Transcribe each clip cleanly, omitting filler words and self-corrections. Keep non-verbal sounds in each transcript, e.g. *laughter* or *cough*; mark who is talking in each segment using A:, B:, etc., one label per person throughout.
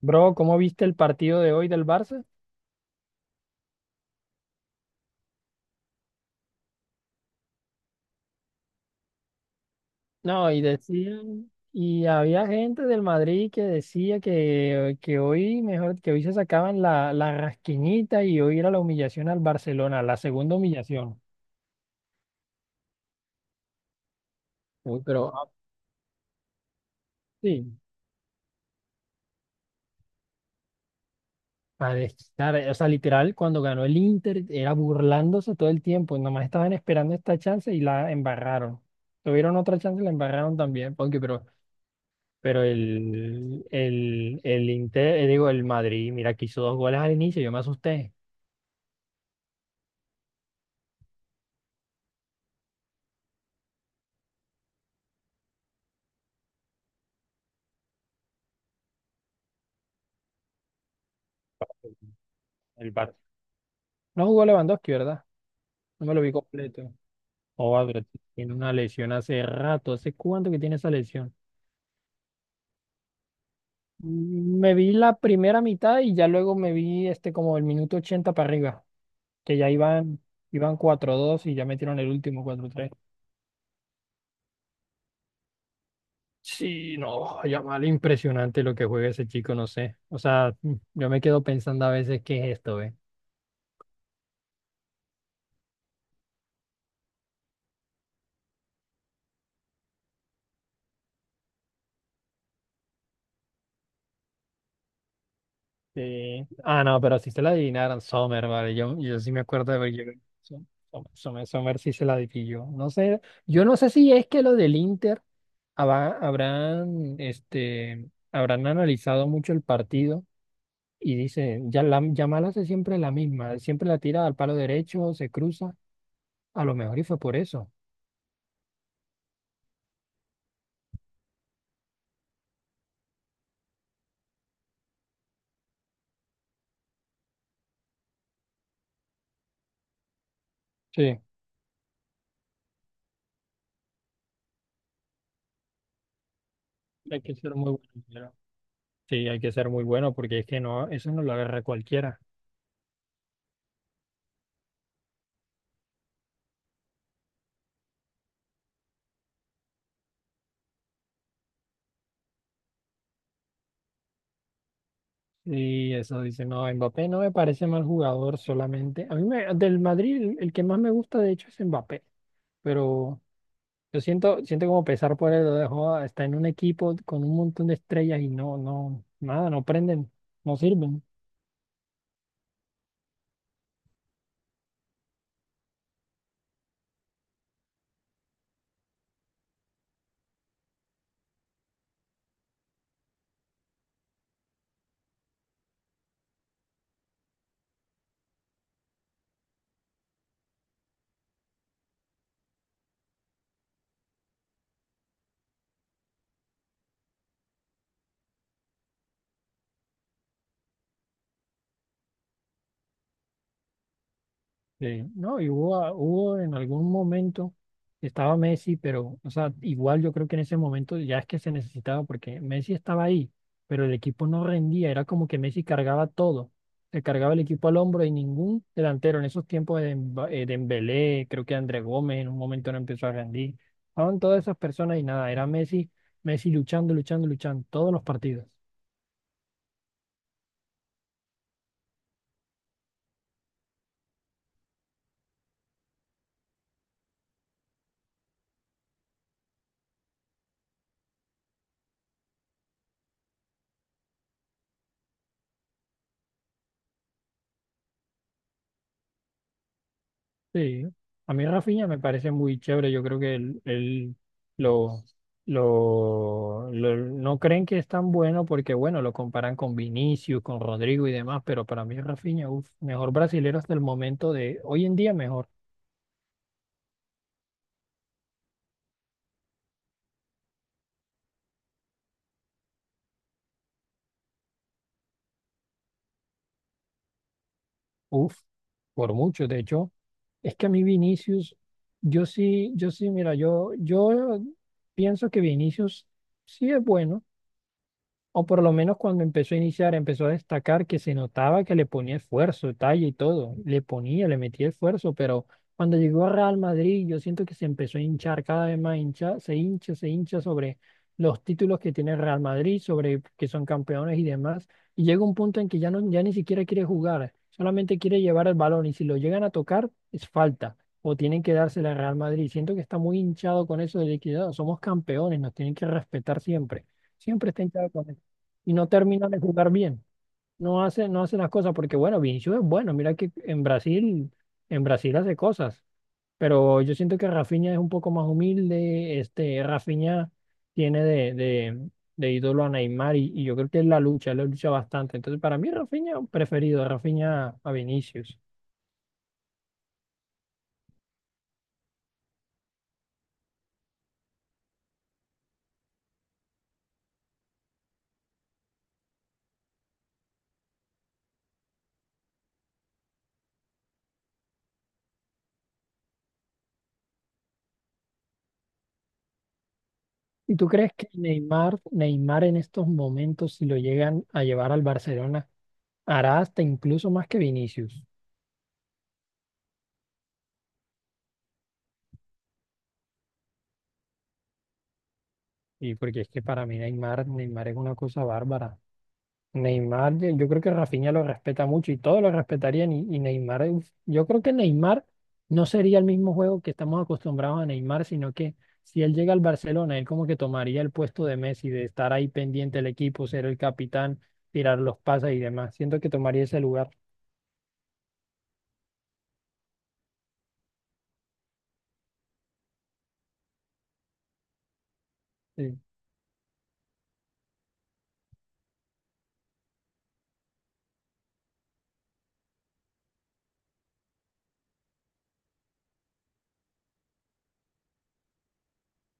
A: Bro, ¿cómo viste el partido de hoy del Barça? No, y decían, y había gente del Madrid que decía que hoy, mejor, que hoy se sacaban la rasquiñita y hoy era la humillación al Barcelona, la segunda humillación. Uy, pero Ah, Sí, para desquitar, o sea, literal, cuando ganó el Inter era burlándose todo el tiempo, nomás estaban esperando esta chance y la embarraron. Tuvieron otra chance y la embarraron también, porque pero el Inter, digo, el Madrid, mira que hizo dos goles al inicio, yo me asusté. El Bar- No jugó Lewandowski, ¿verdad? No me lo vi completo. Oh, pero tiene una lesión hace rato. ¿Hace cuánto que tiene esa lesión? Me vi la primera mitad y ya luego me vi como el minuto 80 para arriba, que ya iban, iban 4-2 y ya metieron el último 4-3. Sí, no, mal impresionante lo que juega ese chico, no sé. O sea, yo me quedo pensando a veces qué es esto, ¿eh? Sí. Ah, no, pero si se la adivinaron, Sommer, vale. Yo sí me acuerdo de haber llegado. Sommer sí se la adivinó. No sé, yo no sé si es que lo del Inter habrán analizado mucho el partido y dicen, ya la, Yamal hace siempre la misma, siempre la tira al palo derecho, se cruza. A lo mejor y fue por eso. Sí, hay que ser muy bueno. Sí, hay que ser muy bueno porque es que no, eso no lo agarra cualquiera. Y eso dice, no, Mbappé no me parece mal jugador solamente. Del Madrid el que más me gusta de hecho es Mbappé, pero yo siento como pesar por él, lo dejó, está en un equipo con un montón de estrellas y nada, no prenden, no sirven. Sí, no, hubo en algún momento, estaba Messi, pero, o sea, igual yo creo que en ese momento ya es que se necesitaba, porque Messi estaba ahí, pero el equipo no rendía, era como que Messi cargaba todo, se cargaba el equipo al hombro y ningún delantero en esos tiempos de, Dembélé, creo que André Gómez en un momento no empezó a rendir, estaban todas esas personas y nada, era Messi, Messi luchando, luchando, luchando, todos los partidos. Sí, a mí Rafinha me parece muy chévere. Yo creo que él lo, lo- no creen que es tan bueno porque, bueno, lo comparan con Vinicius, con Rodrigo y demás, pero para mí Rafinha, uf, mejor brasilero hasta el momento de hoy en día, mejor. Uf, por mucho. De hecho, es que a mí Vinicius, mira, yo pienso que Vinicius sí es bueno. O por lo menos cuando empezó a iniciar, empezó a destacar que se notaba que le ponía esfuerzo, talla y todo. Le ponía, le metía esfuerzo, pero cuando llegó a Real Madrid, yo siento que se empezó a hinchar cada vez más, se hincha sobre los títulos que tiene Real Madrid, sobre que son campeones y demás. Y llega un punto en que ya, no, ya ni siquiera quiere jugar, solamente quiere llevar el balón y si lo llegan a tocar, es falta. O tienen que dársela a Real Madrid. Siento que está muy hinchado con eso de liquidado. Somos campeones, nos tienen que respetar siempre. Siempre está hinchado con y no termina de jugar bien. No hace las cosas porque, bueno, Vinicius es bueno. Mira que en Brasil hace cosas. Pero yo siento que Rafinha es un poco más humilde. Rafinha tiene de ídolo a Neymar y yo creo que él la lucha bastante. Entonces, para mí, Rafinha preferido, Rafinha a Vinicius. ¿Y tú crees que Neymar en estos momentos, si lo llegan a llevar al Barcelona, hará hasta incluso más que Vinicius? Y porque es que para mí Neymar es una cosa bárbara. Neymar, yo creo que Rafinha lo respeta mucho y todos lo respetarían. Y Neymar, uf, yo creo que Neymar no sería el mismo juego que estamos acostumbrados a Neymar, sino que si él llega al Barcelona, él como que tomaría el puesto de Messi, de estar ahí pendiente del equipo, ser el capitán, tirar los pases y demás. Siento que tomaría ese lugar. eh,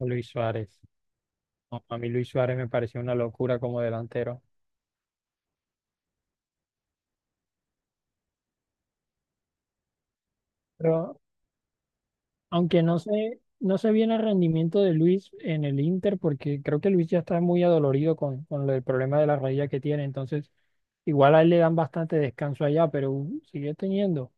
A: Luis Suárez. No, a mí Luis Suárez me pareció una locura como delantero. Pero Aunque no sé, no sé bien el rendimiento de Luis en el Inter, porque creo que Luis ya está muy adolorido con lo del problema de la rodilla que tiene. Entonces, igual a él le dan bastante descanso allá, pero sigue teniendo.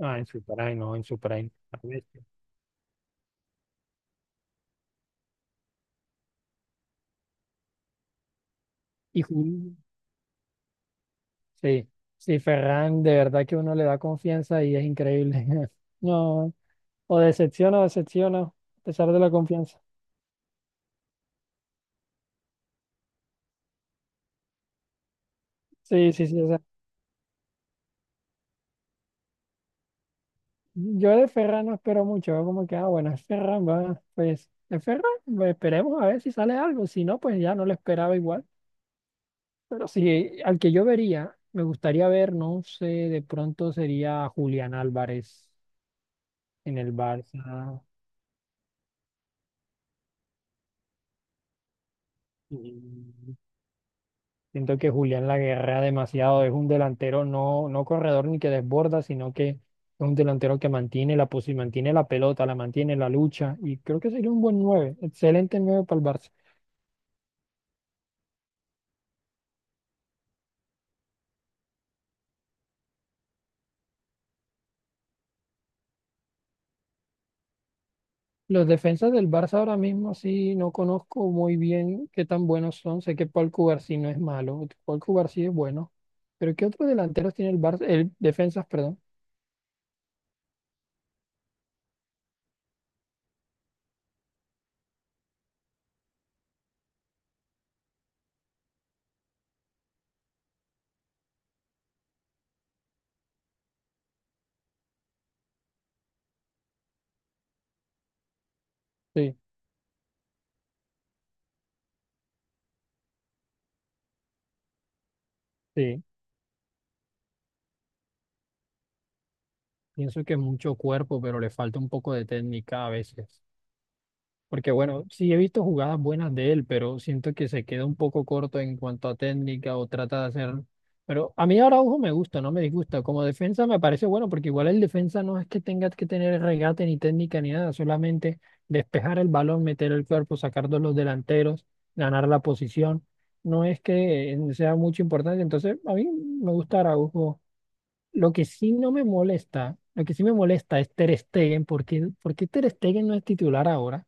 A: Ah, en su prime, no, en su prime. La bestia. Y Jul- sí, sí, Ferran, de verdad que uno le da confianza y es increíble. *laughs* No, o decepciona, a pesar de la confianza. Sí, sí, sí. Yo de Ferran no espero mucho, veo como que, ah, bueno, es Ferran, va, pues, es Ferran, pues, esperemos a ver si sale algo, si no, pues ya no lo esperaba igual. Pero sí, al que yo vería, me gustaría ver, no sé, de pronto sería Julián Álvarez en el Barça. Y Siento que Julián la guerrea demasiado, es un delantero no corredor ni que desborda, sino que es un delantero que mantiene mantiene la pelota, la mantiene la lucha, y creo que sería un buen 9 excelente 9 para el Barça. Los defensas del Barça ahora mismo sí no conozco muy bien qué tan buenos son. Sé que Paul Cubarsí no es malo, Paul Cubarsí es bueno. Pero ¿qué otros delanteros tiene el Barça? El defensas, perdón. Sí, sí. Pienso que mucho cuerpo, pero le falta un poco de técnica a veces. Porque bueno, sí he visto jugadas buenas de él, pero siento que se queda un poco corto en cuanto a técnica o trata de hacer... Pero a mí Araujo me gusta, no me disgusta. Como defensa me parece bueno, porque igual el defensa no es que tenga que tener regate ni técnica ni nada, solamente despejar el balón, meter el cuerpo, sacar de los delanteros, ganar la posición. No es que sea mucho importante, entonces a mí me gusta Araujo. Lo que sí no me molesta, Lo que sí me molesta es Ter Stegen, porque Ter Stegen no es titular ahora.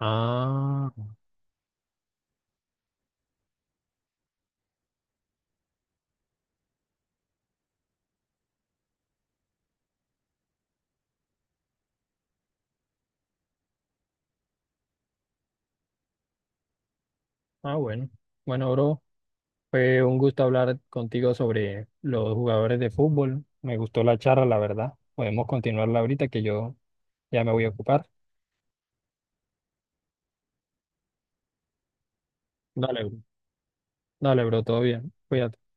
A: Ah, bueno. Bueno, bro, fue un gusto hablar contigo sobre los jugadores de fútbol. Me gustó la charla, la verdad. Podemos continuarla ahorita que yo ya me voy a ocupar. Dale, bro. Dale, bro, todo bien. Cuídate.